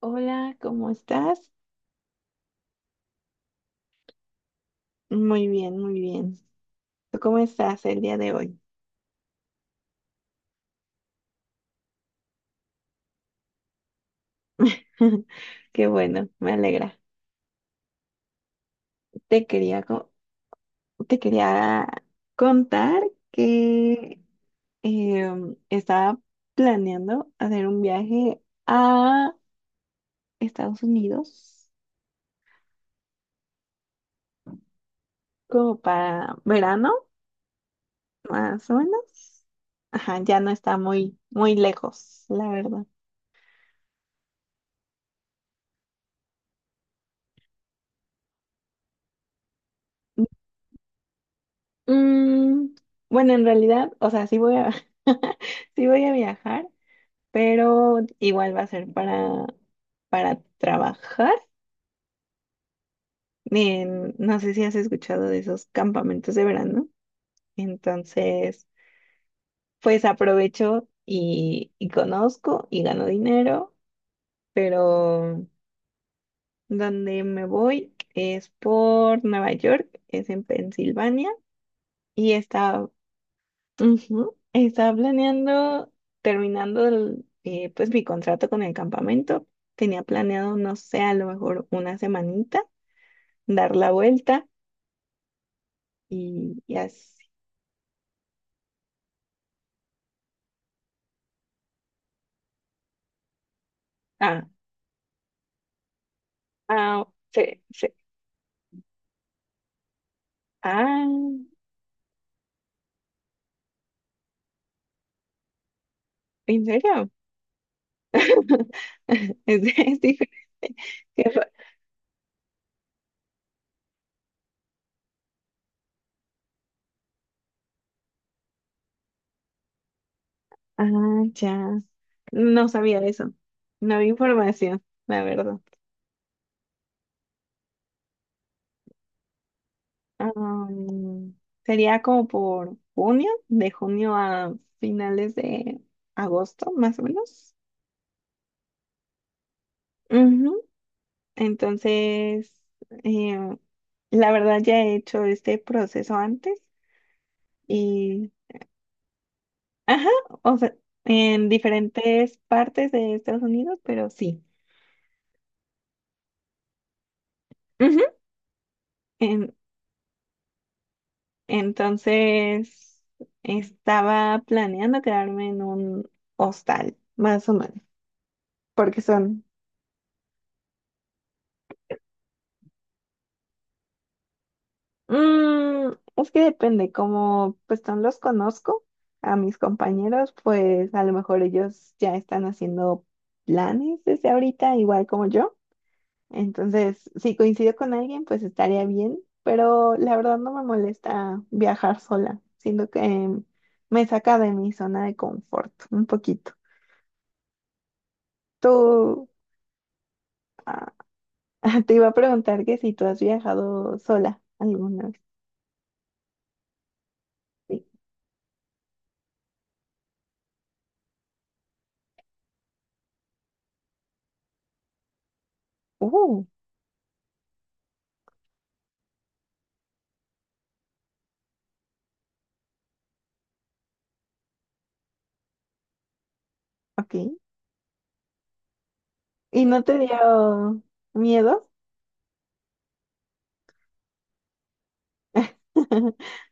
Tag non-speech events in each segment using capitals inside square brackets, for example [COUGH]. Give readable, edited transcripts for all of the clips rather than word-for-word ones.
Hola, ¿cómo estás? Muy bien, muy bien. ¿Tú cómo estás el día de hoy? [LAUGHS] Qué bueno, me alegra. Te quería, co- Te quería contar que estaba planeando hacer un viaje a Estados Unidos como para verano, más o menos. Ajá, ya no está muy, muy lejos, la verdad. Mm, bueno, en realidad, o sea, [LAUGHS] sí voy a viajar, pero igual va a ser para trabajar. No sé si has escuchado de esos campamentos de verano. Entonces, pues aprovecho y conozco y gano dinero, pero donde me voy es por Nueva York, es en Pensilvania y está. Ujú. Estaba planeando, terminando el pues mi contrato con el campamento, tenía planeado, no sé, a lo mejor una semanita, dar la vuelta y así. Ah, ah, sí, sí. Ah, ¿en serio? [LAUGHS] Es diferente. Qué fa- Ah, ya. No sabía eso. No había información, la verdad. Am, Sería como por junio, de junio a finales de agosto, más o menos. Ujú. Entonces, eh, la verdad ya he hecho este proceso antes y, ajá, o sea, en diferentes partes de Estados Unidos, pero sí. Ujú. En- entonces, estaba planeando quedarme en un hostal, más o menos, porque son. Mm, es que depende, como pues no los conozco a mis compañeros, pues a lo mejor ellos ya están haciendo planes desde ahorita, igual como yo. Entonces, si coincido con alguien, pues estaría bien, pero la verdad no me molesta viajar sola, siento que me saca de mi zona de confort un poquito. Tú, ah, [LAUGHS] te iba a preguntar que si tú has viajado sola alguna vez. Sí. Uh, ok. ¿Y no te dio miedo? [LAUGHS]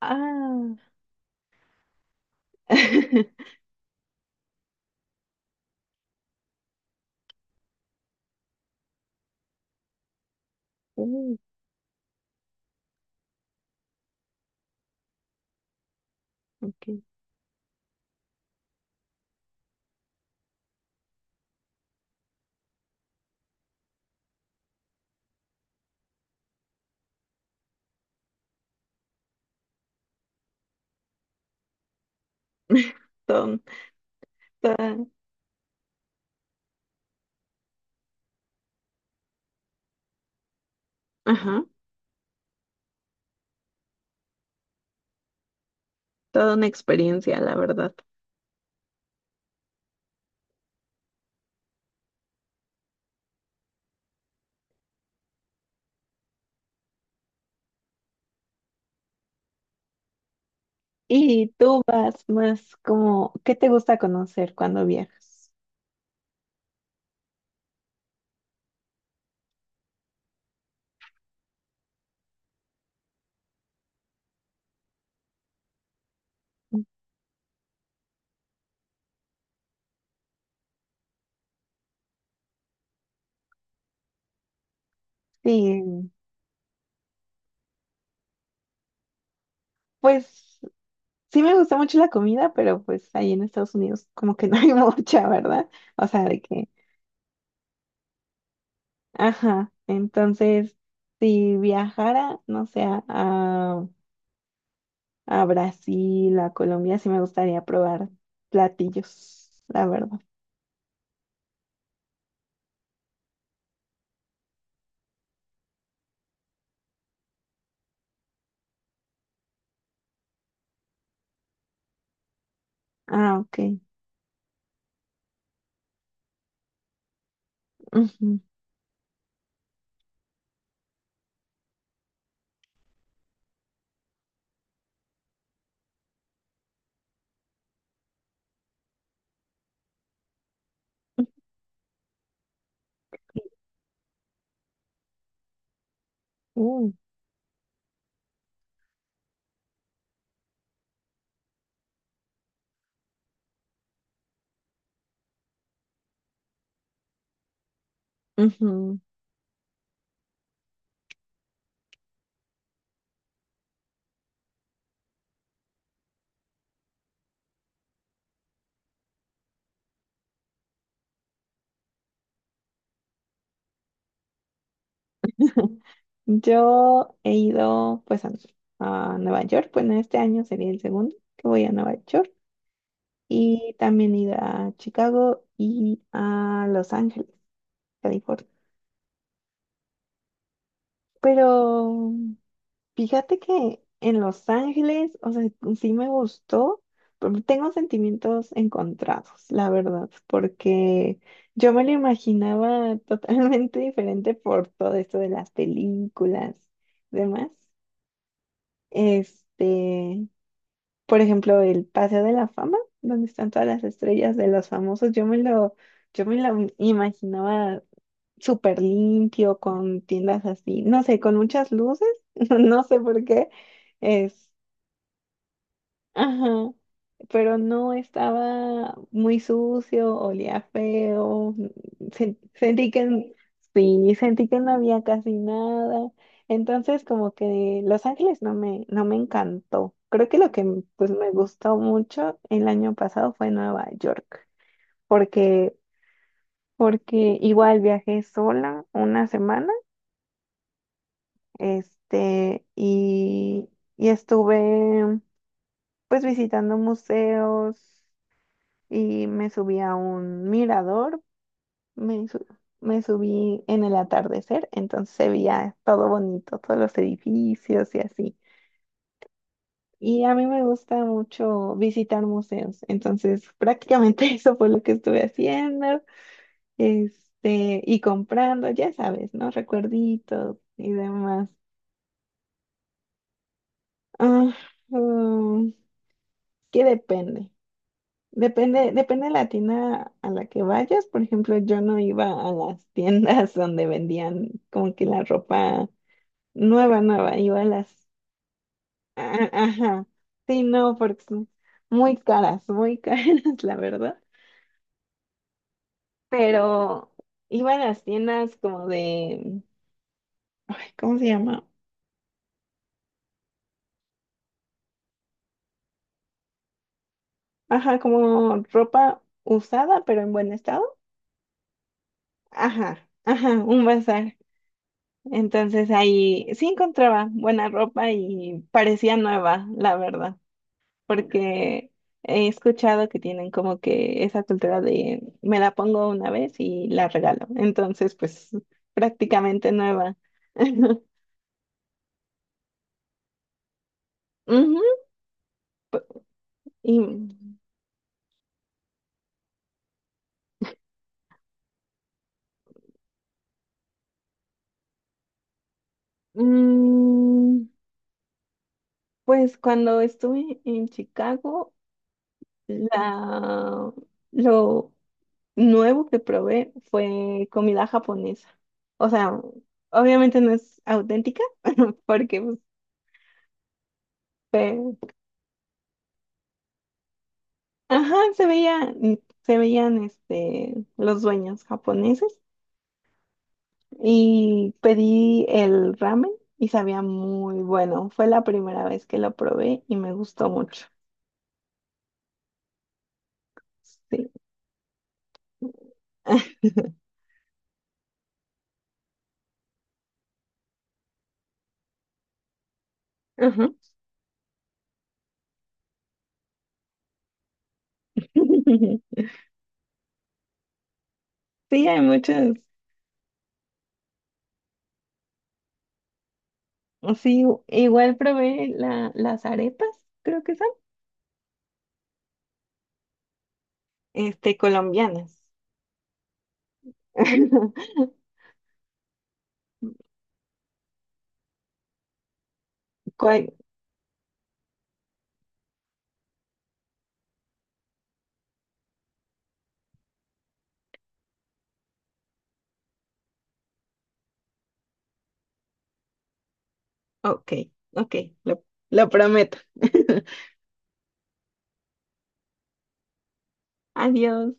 Ah, [LAUGHS] Mm, ok. Todo, toda, ajá, toda una experiencia, la verdad. ¿Y tú vas más como, qué te gusta conocer cuando viajas? Sí, pues sí me gusta mucho la comida, pero pues ahí en Estados Unidos como que no hay [LAUGHS] mucha, ¿verdad? O sea, de que, ajá, entonces, si viajara, no sé, a Brasil, a Colombia, sí me gustaría probar platillos, la verdad. Ah, ok. Ujú. Uh, ujú. [LAUGHS] Yo he ido pues a Nueva York, bueno, este año sería el segundo que voy a Nueva York y también he ido a Chicago y a Los Ángeles, California. Pero, fíjate que en Los Ángeles, o sea, sí me gustó, pero tengo sentimientos encontrados, la verdad, porque yo me lo imaginaba [LAUGHS] totalmente diferente por todo esto de las películas, demás. Este, por ejemplo, el Paseo de la Fama, donde están todas las estrellas de los famosos, yo me lo imaginaba súper limpio, con tiendas así, no sé, con muchas luces, [LAUGHS] no sé por qué. Ajá, pero no estaba muy sucio, olía feo, sentí que, sí, sentí que no había casi nada. Entonces, como que Los Ángeles no me encantó. Creo que lo que pues me gustó mucho el año pasado fue Nueva York, porque, porque igual viajé sola una semana, este, y estuve pues visitando museos y me subí a un mirador, me, su- me subí en el atardecer, entonces se veía todo bonito, todos los edificios y así. Y a mí me gusta mucho visitar museos, entonces prácticamente [LAUGHS] eso fue lo que estuve haciendo, este, y comprando, ya sabes, ¿no? Recuerditos y demás. Ah, mm, que depende. Depende, depende de la tienda a la que vayas. Por ejemplo, yo no iba a las [LAUGHS] tiendas donde vendían como que la ropa nueva, nueva. Iba a las... a- Ajá. Sí, no, porque son muy caras, [LAUGHS] la verdad. Pero iba a las tiendas como de... Ay, ¿cómo se llama? Ajá, como ropa usada, pero en buen estado. Ajá, ajá, un bazar. Entonces ahí sí encontraba buena ropa y parecía nueva, la verdad, porque he escuchado que tienen como que esa cultura de me la pongo una vez y la regalo. Entonces, pues prácticamente nueva. [LAUGHS] Ujú, y mm, pues cuando estuve en Chicago, la, lo, nuevo que probé fue comida japonesa. O sea, obviamente no es auténtica, [LAUGHS] porque pues, fue- ajá, se veía, se veían este, los dueños japoneses y pedí el ramen y sabía muy bueno. Fue la primera vez que lo probé y me gustó mucho. Sí. [LAUGHS] Ajá. [LAUGHS] Sí, hay muchos. Sí, igual probé las arepas, creo que son, este, colombianas. [LAUGHS] Cuál- Ok, ok, lo, lo prometo. [LAUGHS] Adiós.